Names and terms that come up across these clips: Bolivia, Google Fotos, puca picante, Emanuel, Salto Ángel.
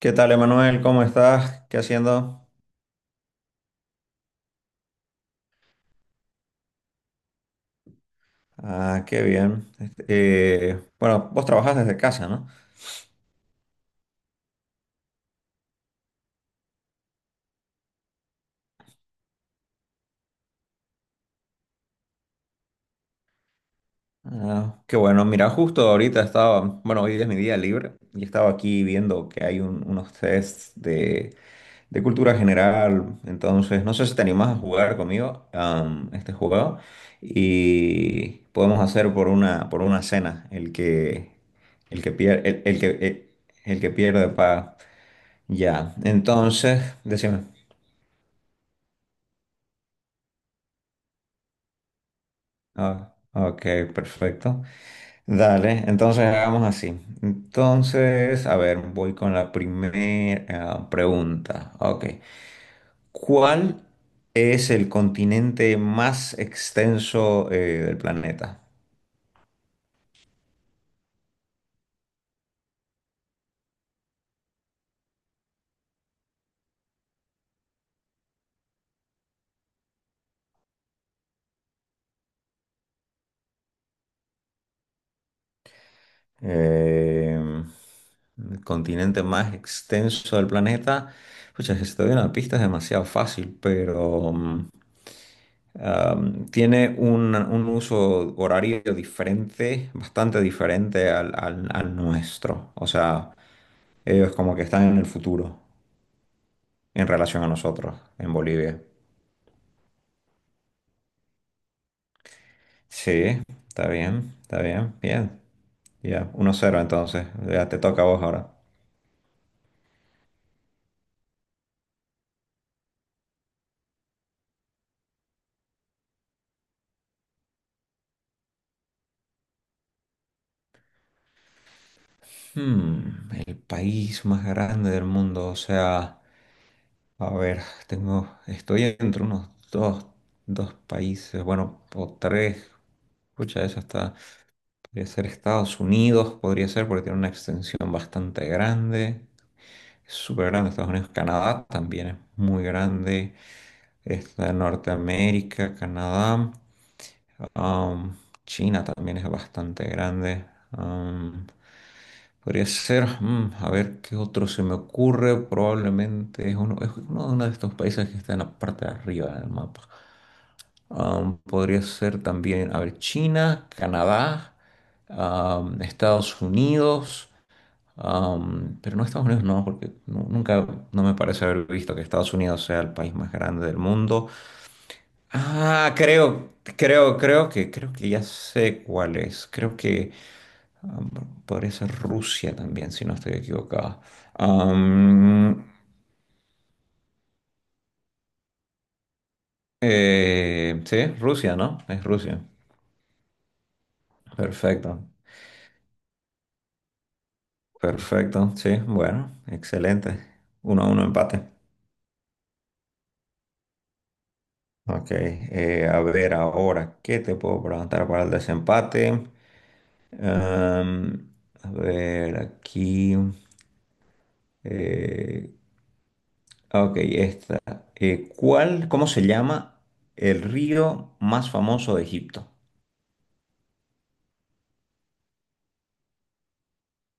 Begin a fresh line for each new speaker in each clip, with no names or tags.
¿Qué tal, Emanuel? ¿Cómo estás? ¿Qué haciendo? Ah, qué bien. Este, bueno, vos trabajas desde casa, ¿no? Ah, qué bueno. Mira, justo ahorita estaba, bueno, hoy es mi día libre y estaba aquí viendo que hay unos tests de cultura general. Entonces, no sé si te animás a jugar conmigo este juego y podemos hacer por una cena el que pierde, el, el que, el el que pierde paga. Ya, entonces, decime. Ah, ok, perfecto. Dale, entonces hagamos así. Entonces, a ver, voy con la primera pregunta. Ok. ¿Cuál es el continente más extenso del planeta? Em, el continente más extenso del planeta. Pucha, si te doy una pista es demasiado fácil, pero tiene un uso horario diferente, bastante diferente al nuestro. O sea, ellos como que están en el futuro en relación a nosotros en Bolivia. Sí, está bien, bien. Ya, 1-0 entonces. Ya te toca a vos ahora. El país más grande del mundo. O sea, a ver, estoy entre unos dos países, bueno, o tres. Escucha, eso está. Podría ser Estados Unidos, podría ser porque tiene una extensión bastante grande. Es súper grande Estados Unidos. Canadá también es muy grande. Está Norteamérica, Canadá. Am, China también es bastante grande. Am, Podría ser, a ver qué otro se me ocurre. Probablemente es uno de estos países que está en la parte de arriba del mapa. Podría ser también, a ver, China, Canadá, Estados Unidos, pero no Estados Unidos, no, porque nunca, no me parece haber visto que Estados Unidos sea el país más grande del mundo. Ah, creo que ya sé cuál es. Creo que um, podría ser Rusia también, si no estoy equivocado. Um, sí, Rusia, ¿no? Es Rusia. Perfecto. Perfecto, sí, bueno, excelente. 1-1 empate. Ok, a ver ahora, ¿qué te puedo preguntar para el desempate? Am, a ver, aquí. eh, ok, esta. ¿ Cómo se llama el río más famoso de Egipto?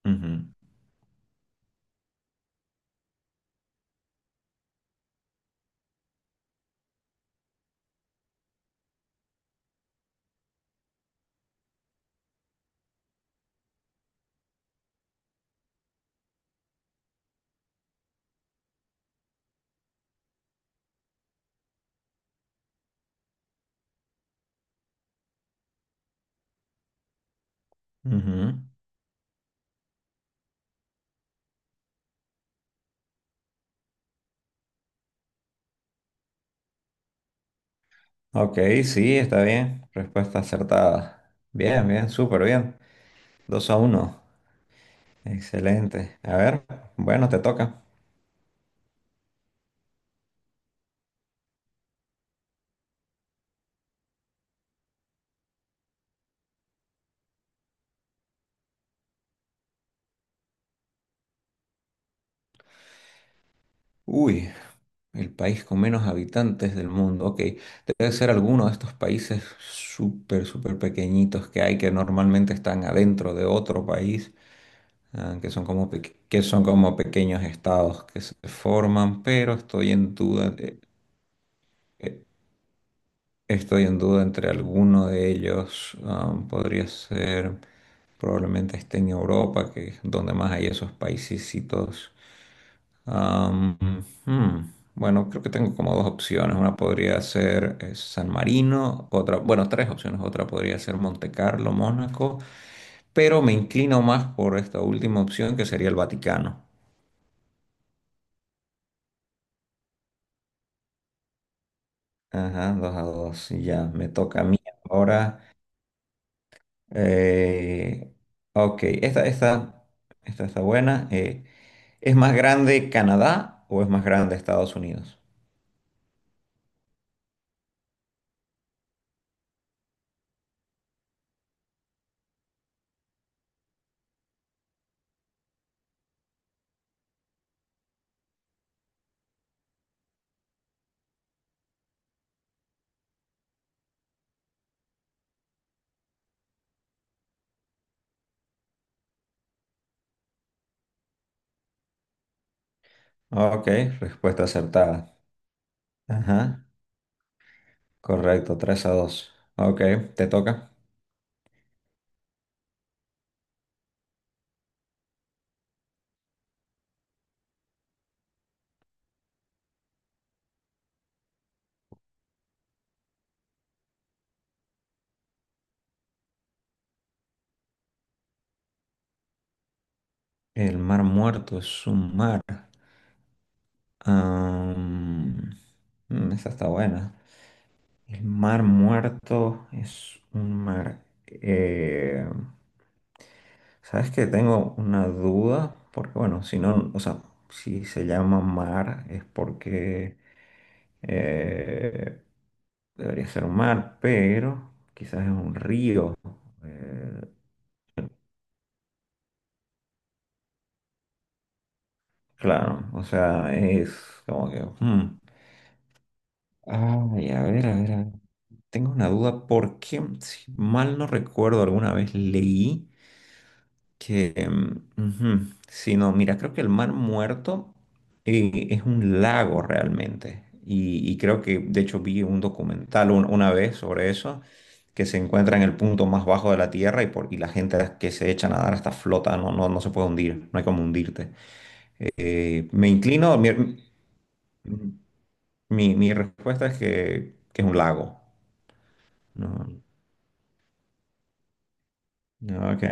Ujú, ujú. Ok, sí, está bien. Respuesta acertada. Bien, bien, súper bien. 2-1, excelente. A ver, bueno, te toca. Uy, el país con menos habitantes del mundo. Ok, debe ser alguno de estos países súper, súper pequeñitos que hay que normalmente están adentro de otro país, ah, que son como pequeños estados que se forman, pero estoy en duda entre alguno de ellos. Ah, podría ser, probablemente esté en Europa, que es donde más hay esos paisecitos. Am, Bueno, creo que tengo como dos opciones. Una podría ser San Marino, otra, bueno, tres opciones. Otra podría ser Monte Carlo, Mónaco, pero me inclino más por esta última opción que sería el Vaticano. Ajá, 2-2. Ya, me toca a mí ahora. Eh, ok, esta está buena. ¿Es más grande Canadá o es más grande Estados Unidos? Ok, respuesta acertada. Ajá. Correcto, 3-2. Ok, te toca. El Mar Muerto es un mar. Am, Esa está buena. El Mar Muerto es un mar. Eh, ¿Sabes que tengo una duda? Porque bueno, si no, o sea, si se llama mar es porque eh, debería ser un mar, pero quizás es un río. Eh, claro, o sea, es como que. Hmm. Ay, a ver, a ver, a ver. Tengo una duda porque, si mal no recuerdo, alguna vez leí que, ujú, sí, no, mira, creo que el Mar Muerto es un lago realmente. Y creo que, de hecho, vi un documental una vez sobre eso, que se encuentra en el punto más bajo de la Tierra y la gente que se echa a nadar hasta flota, no, no, no se puede hundir, no hay como hundirte. Me inclino, mi respuesta es que es un lago. ¿No? Ok,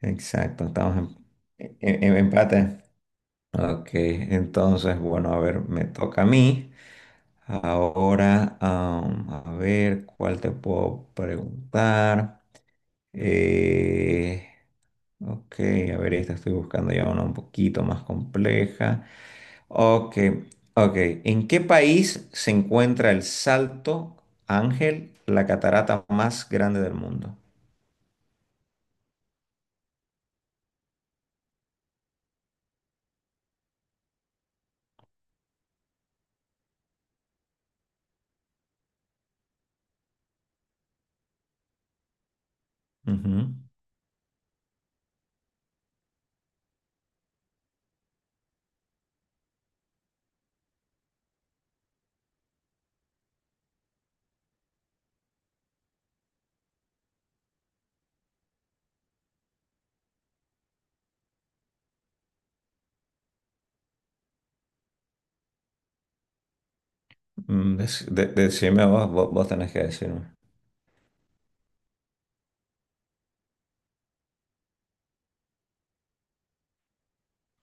exacto, estamos en empate. Ok, entonces, bueno, a ver, me toca a mí. Ahora, a ver, ¿cuál te puedo preguntar? Eh, ok, a ver, esta estoy buscando ya una un poquito más compleja. Ok, ok. ¿En qué país se encuentra el Salto Ángel, la catarata más grande del mundo? Ujú. Decime vos, tenés que decirme.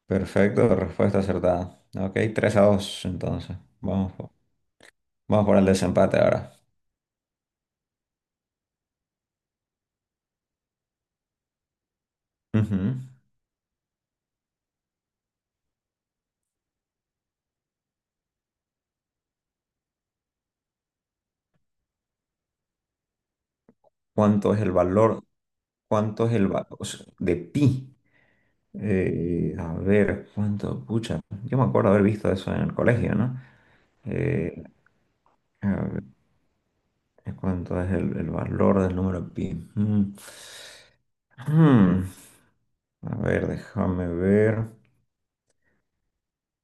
Perfecto, respuesta acertada. Ok, 3-2 entonces. Vamos por el desempate ahora. Ujú. ¿Cuánto es el valor? ¿Cuánto es el valor de pi? A ver, ¿cuánto? Pucha, yo me acuerdo haber visto eso en el colegio, ¿no? Eh, a ver, ¿cuánto es el valor del número pi? Mm. Mm. A ver, déjame ver.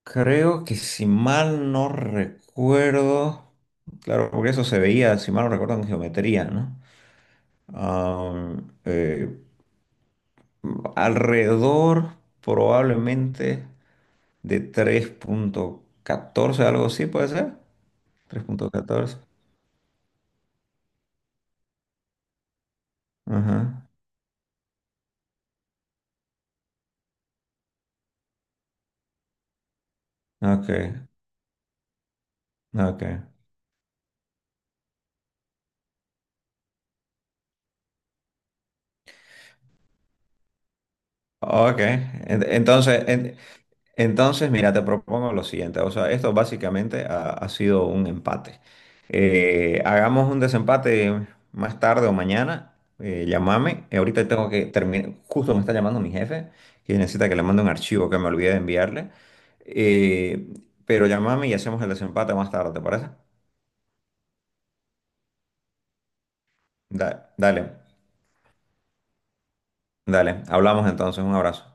Creo que si mal no recuerdo, claro, porque eso se veía, si mal no recuerdo, en geometría, ¿no? Am, eh, Alrededor probablemente de 3.14, algo así puede ser. 3.14. Ajá. Ok, ok. Ok, Entonces, mira, te propongo lo siguiente. O sea, esto básicamente ha sido un empate. Hagamos un desempate más tarde o mañana. Llámame. Ahorita tengo que terminar. Justo me está llamando mi jefe, que necesita que le mande un archivo que me olvidé de enviarle. Eh, pero llámame y hacemos el desempate más tarde, ¿te parece? Dale, dale. Hablamos entonces. Un abrazo.